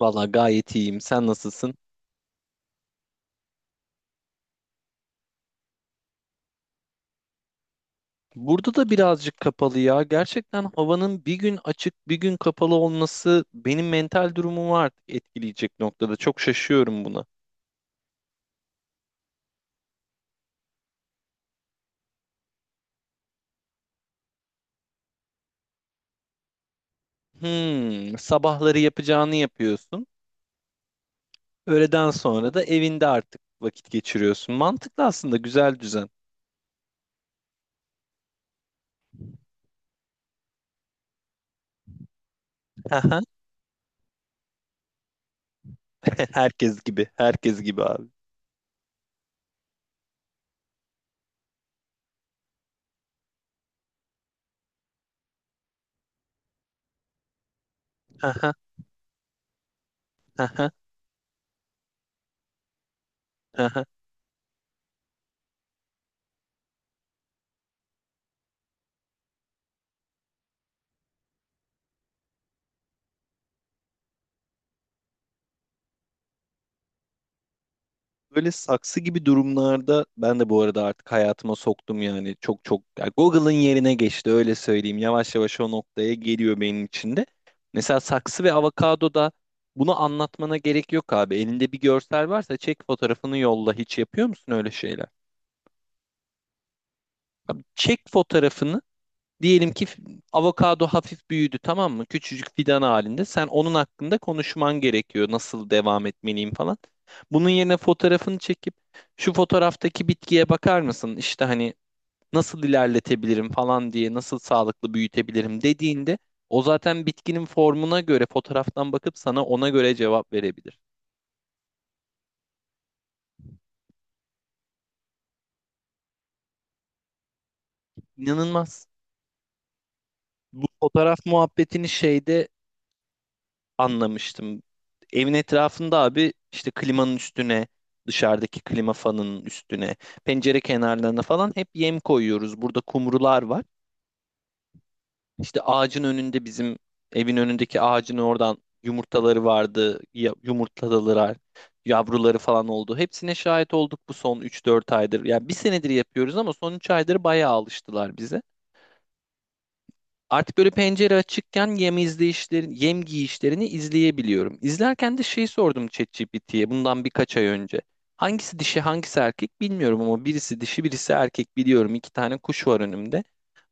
Valla gayet iyiyim. Sen nasılsın? Burada da birazcık kapalı ya. Gerçekten havanın bir gün açık, bir gün kapalı olması benim mental durumumu artık etkileyecek noktada. Çok şaşıyorum buna. Sabahları yapacağını yapıyorsun. Öğleden sonra da evinde artık vakit geçiriyorsun. Mantıklı aslında, güzel düzen. Herkes gibi, herkes gibi abi. Böyle saksı gibi durumlarda ben de bu arada artık hayatıma soktum yani çok çok yani Google'ın yerine geçti öyle söyleyeyim. Yavaş yavaş o noktaya geliyor benim için de. Mesela saksı ve avokado da bunu anlatmana gerek yok abi. Elinde bir görsel varsa çek fotoğrafını yolla. Hiç yapıyor musun öyle şeyler? Abi çek fotoğrafını. Diyelim ki avokado hafif büyüdü, tamam mı? Küçücük fidan halinde. Sen onun hakkında konuşman gerekiyor. Nasıl devam etmeliyim falan. Bunun yerine fotoğrafını çekip şu fotoğraftaki bitkiye bakar mısın, İşte hani nasıl ilerletebilirim falan diye, nasıl sağlıklı büyütebilirim dediğinde o zaten bitkinin formuna göre fotoğraftan bakıp sana ona göre cevap verebilir. İnanılmaz. Bu fotoğraf muhabbetini şeyde anlamıştım. Evin etrafında abi işte klimanın üstüne, dışarıdaki klima fanının üstüne, pencere kenarlarına falan hep yem koyuyoruz. Burada kumrular var. İşte ağacın önünde bizim evin önündeki ağacın oradan yumurtaları vardı. Yumurtladılar. Yavruları falan oldu. Hepsine şahit olduk bu son üç dört aydır. Ya bir senedir yapıyoruz ama son 3 aydır bayağı alıştılar bize. Artık böyle pencere açıkken yem izleyişlerini, yem giyişlerini izleyebiliyorum. İzlerken de şey sordum ChatGPT'ye bundan birkaç ay önce. Hangisi dişi, hangisi erkek bilmiyorum ama birisi dişi, birisi erkek biliyorum. İki tane kuş var önümde.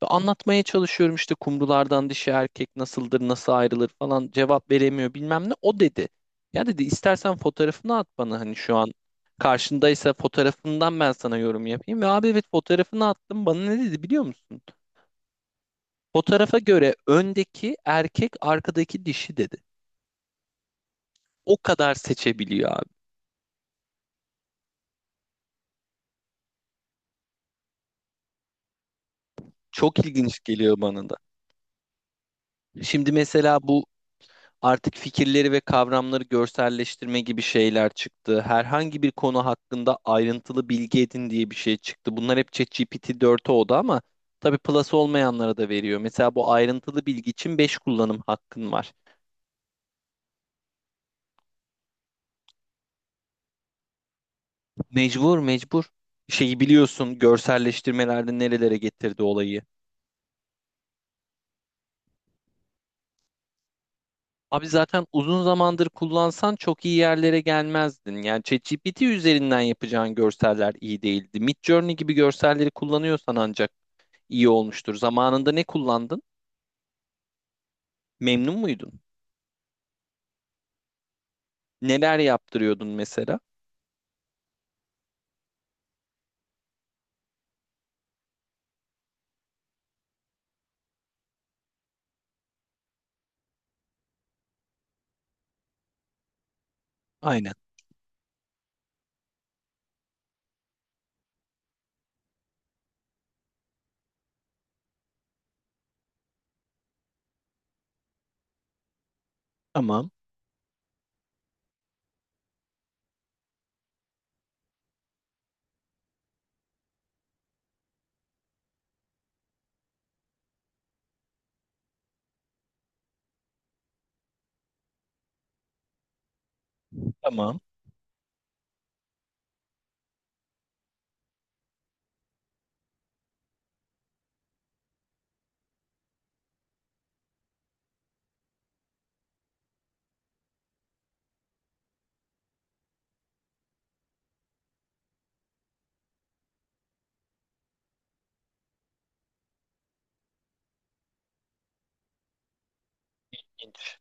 Ve anlatmaya çalışıyorum işte kumrulardan dişi erkek nasıldır, nasıl ayrılır falan, cevap veremiyor bilmem ne. O dedi. Ya dedi, istersen fotoğrafını at bana, hani şu an karşındaysa fotoğrafından ben sana yorum yapayım. Ve abi evet, fotoğrafını attım, bana ne dedi biliyor musun? Fotoğrafa göre öndeki erkek, arkadaki dişi dedi. O kadar seçebiliyor abi. Çok ilginç geliyor bana da. Şimdi mesela bu artık fikirleri ve kavramları görselleştirme gibi şeyler çıktı. Herhangi bir konu hakkında ayrıntılı bilgi edin diye bir şey çıktı. Bunlar hep ChatGPT 4'e oldu ama tabii plus olmayanlara da veriyor. Mesela bu ayrıntılı bilgi için 5 kullanım hakkın var. Mecbur mecbur. Şeyi biliyorsun, görselleştirmelerde nerelere getirdi olayı. Abi zaten uzun zamandır kullansan çok iyi yerlere gelmezdin. Yani ChatGPT üzerinden yapacağın görseller iyi değildi. Midjourney gibi görselleri kullanıyorsan ancak iyi olmuştur. Zamanında ne kullandın? Memnun muydun? Neler yaptırıyordun mesela? Aynen. Tamam. Tamam. İnç.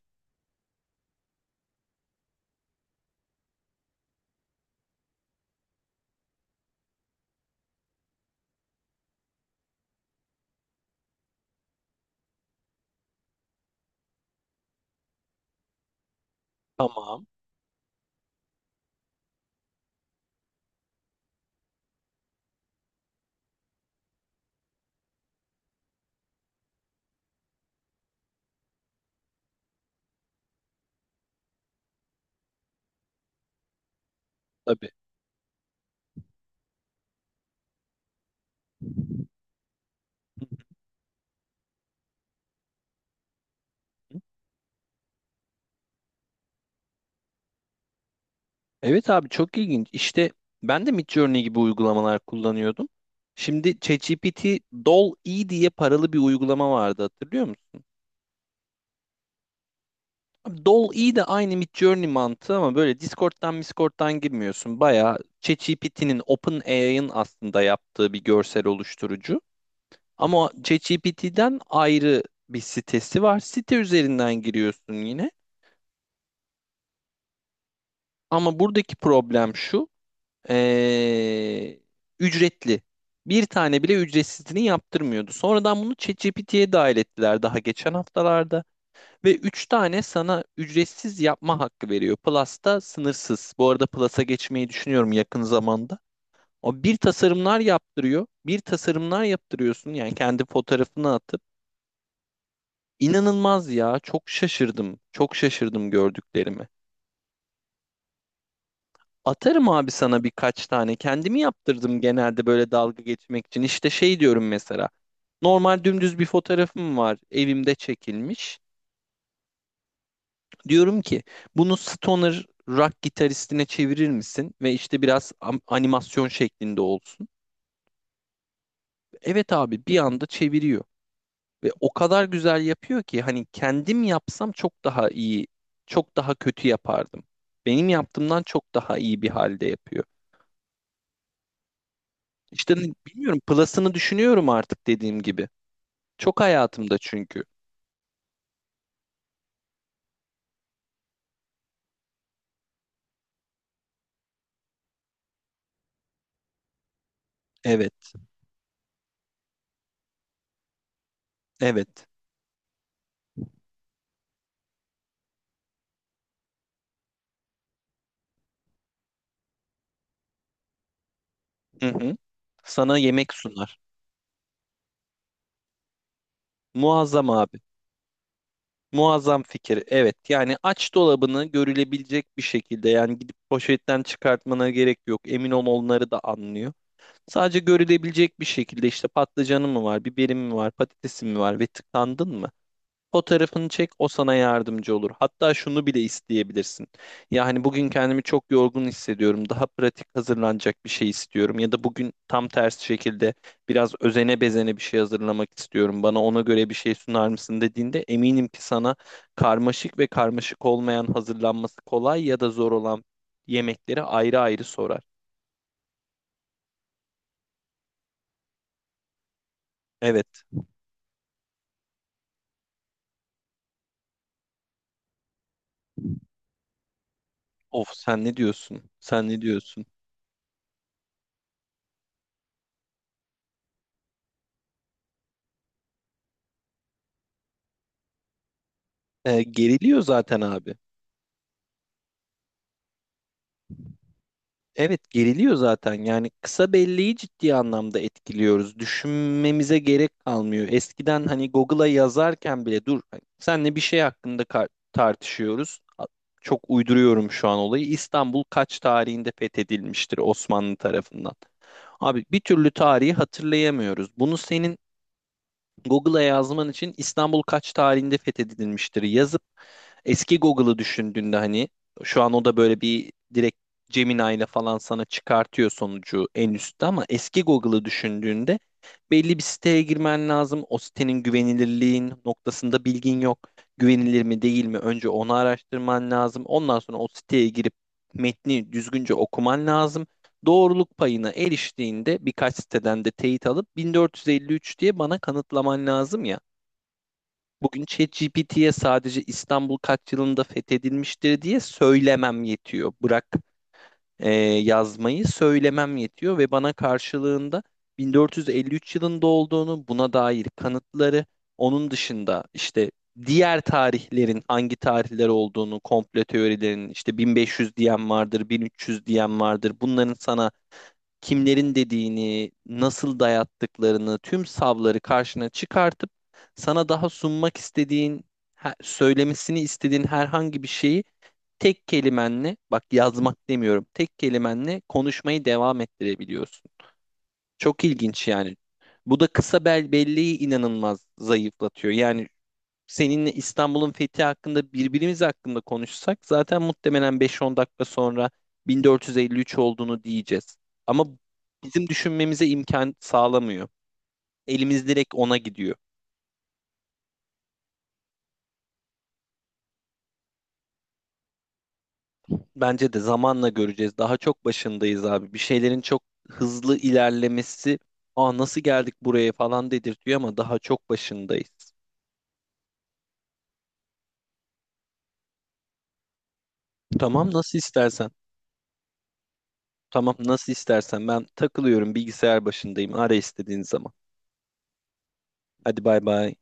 Tamam. Tabii. Evet abi, çok ilginç. İşte ben de Midjourney gibi uygulamalar kullanıyordum. Şimdi ChatGPT, Dall-E diye paralı bir uygulama vardı, hatırlıyor musun? Abi Dall-E de aynı Midjourney mantığı ama böyle Discord'dan girmiyorsun. Bayağı ChatGPT'nin, OpenAI'ın aslında yaptığı bir görsel oluşturucu. Ama ChatGPT'den ayrı bir sitesi var. Site üzerinden giriyorsun yine. Ama buradaki problem şu. Ee, Ücretli. Bir tane bile ücretsizini yaptırmıyordu. Sonradan bunu ChatGPT'ye dahil ettiler, daha geçen haftalarda. Ve 3 tane sana ücretsiz yapma hakkı veriyor. Plus'ta sınırsız. Bu arada Plus'a geçmeyi düşünüyorum yakın zamanda. O bir tasarımlar yaptırıyor. Bir tasarımlar yaptırıyorsun yani, kendi fotoğrafını atıp. İnanılmaz ya. Çok şaşırdım. Çok şaşırdım gördüklerime. Atarım abi sana birkaç tane. Kendimi yaptırdım genelde böyle dalga geçmek için. İşte şey diyorum mesela. Normal dümdüz bir fotoğrafım var. Evimde çekilmiş. Diyorum ki bunu stoner rock gitaristine çevirir misin? Ve işte biraz animasyon şeklinde olsun. Evet abi, bir anda çeviriyor. Ve o kadar güzel yapıyor ki hani kendim yapsam çok daha iyi, çok daha kötü yapardım. Benim yaptığımdan çok daha iyi bir halde yapıyor. İşte bilmiyorum, plus'ını düşünüyorum artık dediğim gibi. Çok hayatımda çünkü. Evet, evet. Hı hı. Sana yemek sunar. Muazzam abi. Muazzam fikir. Evet. Yani aç dolabını görülebilecek bir şekilde, yani gidip poşetten çıkartmana gerek yok. Emin ol, onları da anlıyor. Sadece görülebilecek bir şekilde, işte patlıcanı mı var, biberi mi var, patatesi mi var, ve tıkandın mı? Fotoğrafını çek, o sana yardımcı olur. Hatta şunu bile isteyebilirsin. Yani bugün kendimi çok yorgun hissediyorum, daha pratik hazırlanacak bir şey istiyorum. Ya da bugün tam tersi şekilde biraz özene bezene bir şey hazırlamak istiyorum, bana ona göre bir şey sunar mısın dediğinde, eminim ki sana karmaşık ve karmaşık olmayan, hazırlanması kolay ya da zor olan yemekleri ayrı ayrı sorar. Evet. Of, sen ne diyorsun? Sen ne diyorsun? Geriliyor zaten abi. Evet, geriliyor zaten, yani kısa belleği ciddi anlamda etkiliyoruz. Düşünmemize gerek kalmıyor. Eskiden hani Google'a yazarken bile, dur hani senle bir şey hakkında tartışıyoruz. Çok uyduruyorum şu an olayı. İstanbul kaç tarihinde fethedilmiştir Osmanlı tarafından? Abi, bir türlü tarihi hatırlayamıyoruz. Bunu senin Google'a yazman için, İstanbul kaç tarihinde fethedilmiştir yazıp eski Google'ı düşündüğünde, hani şu an o da böyle bir direkt Gemini ile falan sana çıkartıyor sonucu en üstte, ama eski Google'ı düşündüğünde belli bir siteye girmen lazım. O sitenin güvenilirliğin noktasında bilgin yok. Güvenilir mi değil mi? Önce onu araştırman lazım. Ondan sonra o siteye girip metni düzgünce okuman lazım, doğruluk payına eriştiğinde birkaç siteden de teyit alıp 1453 diye bana kanıtlaman lazım ya. Bugün ChatGPT'ye sadece İstanbul kaç yılında fethedilmiştir diye söylemem yetiyor. Bırak yazmayı, söylemem yetiyor ve bana karşılığında 1453 yılında olduğunu, buna dair kanıtları, onun dışında işte diğer tarihlerin hangi tarihler olduğunu, komplo teorilerinin, işte 1500 diyen vardır, 1300 diyen vardır. Bunların sana kimlerin dediğini, nasıl dayattıklarını, tüm savları karşına çıkartıp sana, daha sunmak istediğin, söylemesini istediğin herhangi bir şeyi tek kelimenle, bak yazmak demiyorum, tek kelimenle konuşmayı devam ettirebiliyorsun. Çok ilginç yani. Bu da kısa belleği inanılmaz zayıflatıyor. Yani seninle İstanbul'un fethi hakkında, birbirimiz hakkında konuşsak zaten muhtemelen beş on dakika sonra 1453 olduğunu diyeceğiz. Ama bizim düşünmemize imkan sağlamıyor. Elimiz direkt ona gidiyor. Bence de zamanla göreceğiz. Daha çok başındayız abi. Bir şeylerin çok hızlı ilerlemesi, "Aa, nasıl geldik buraya?" falan dedirtiyor ama daha çok başındayız. Tamam, nasıl istersen. Tamam, nasıl istersen. Ben takılıyorum, bilgisayar başındayım. Ara istediğin zaman. Hadi bay bay.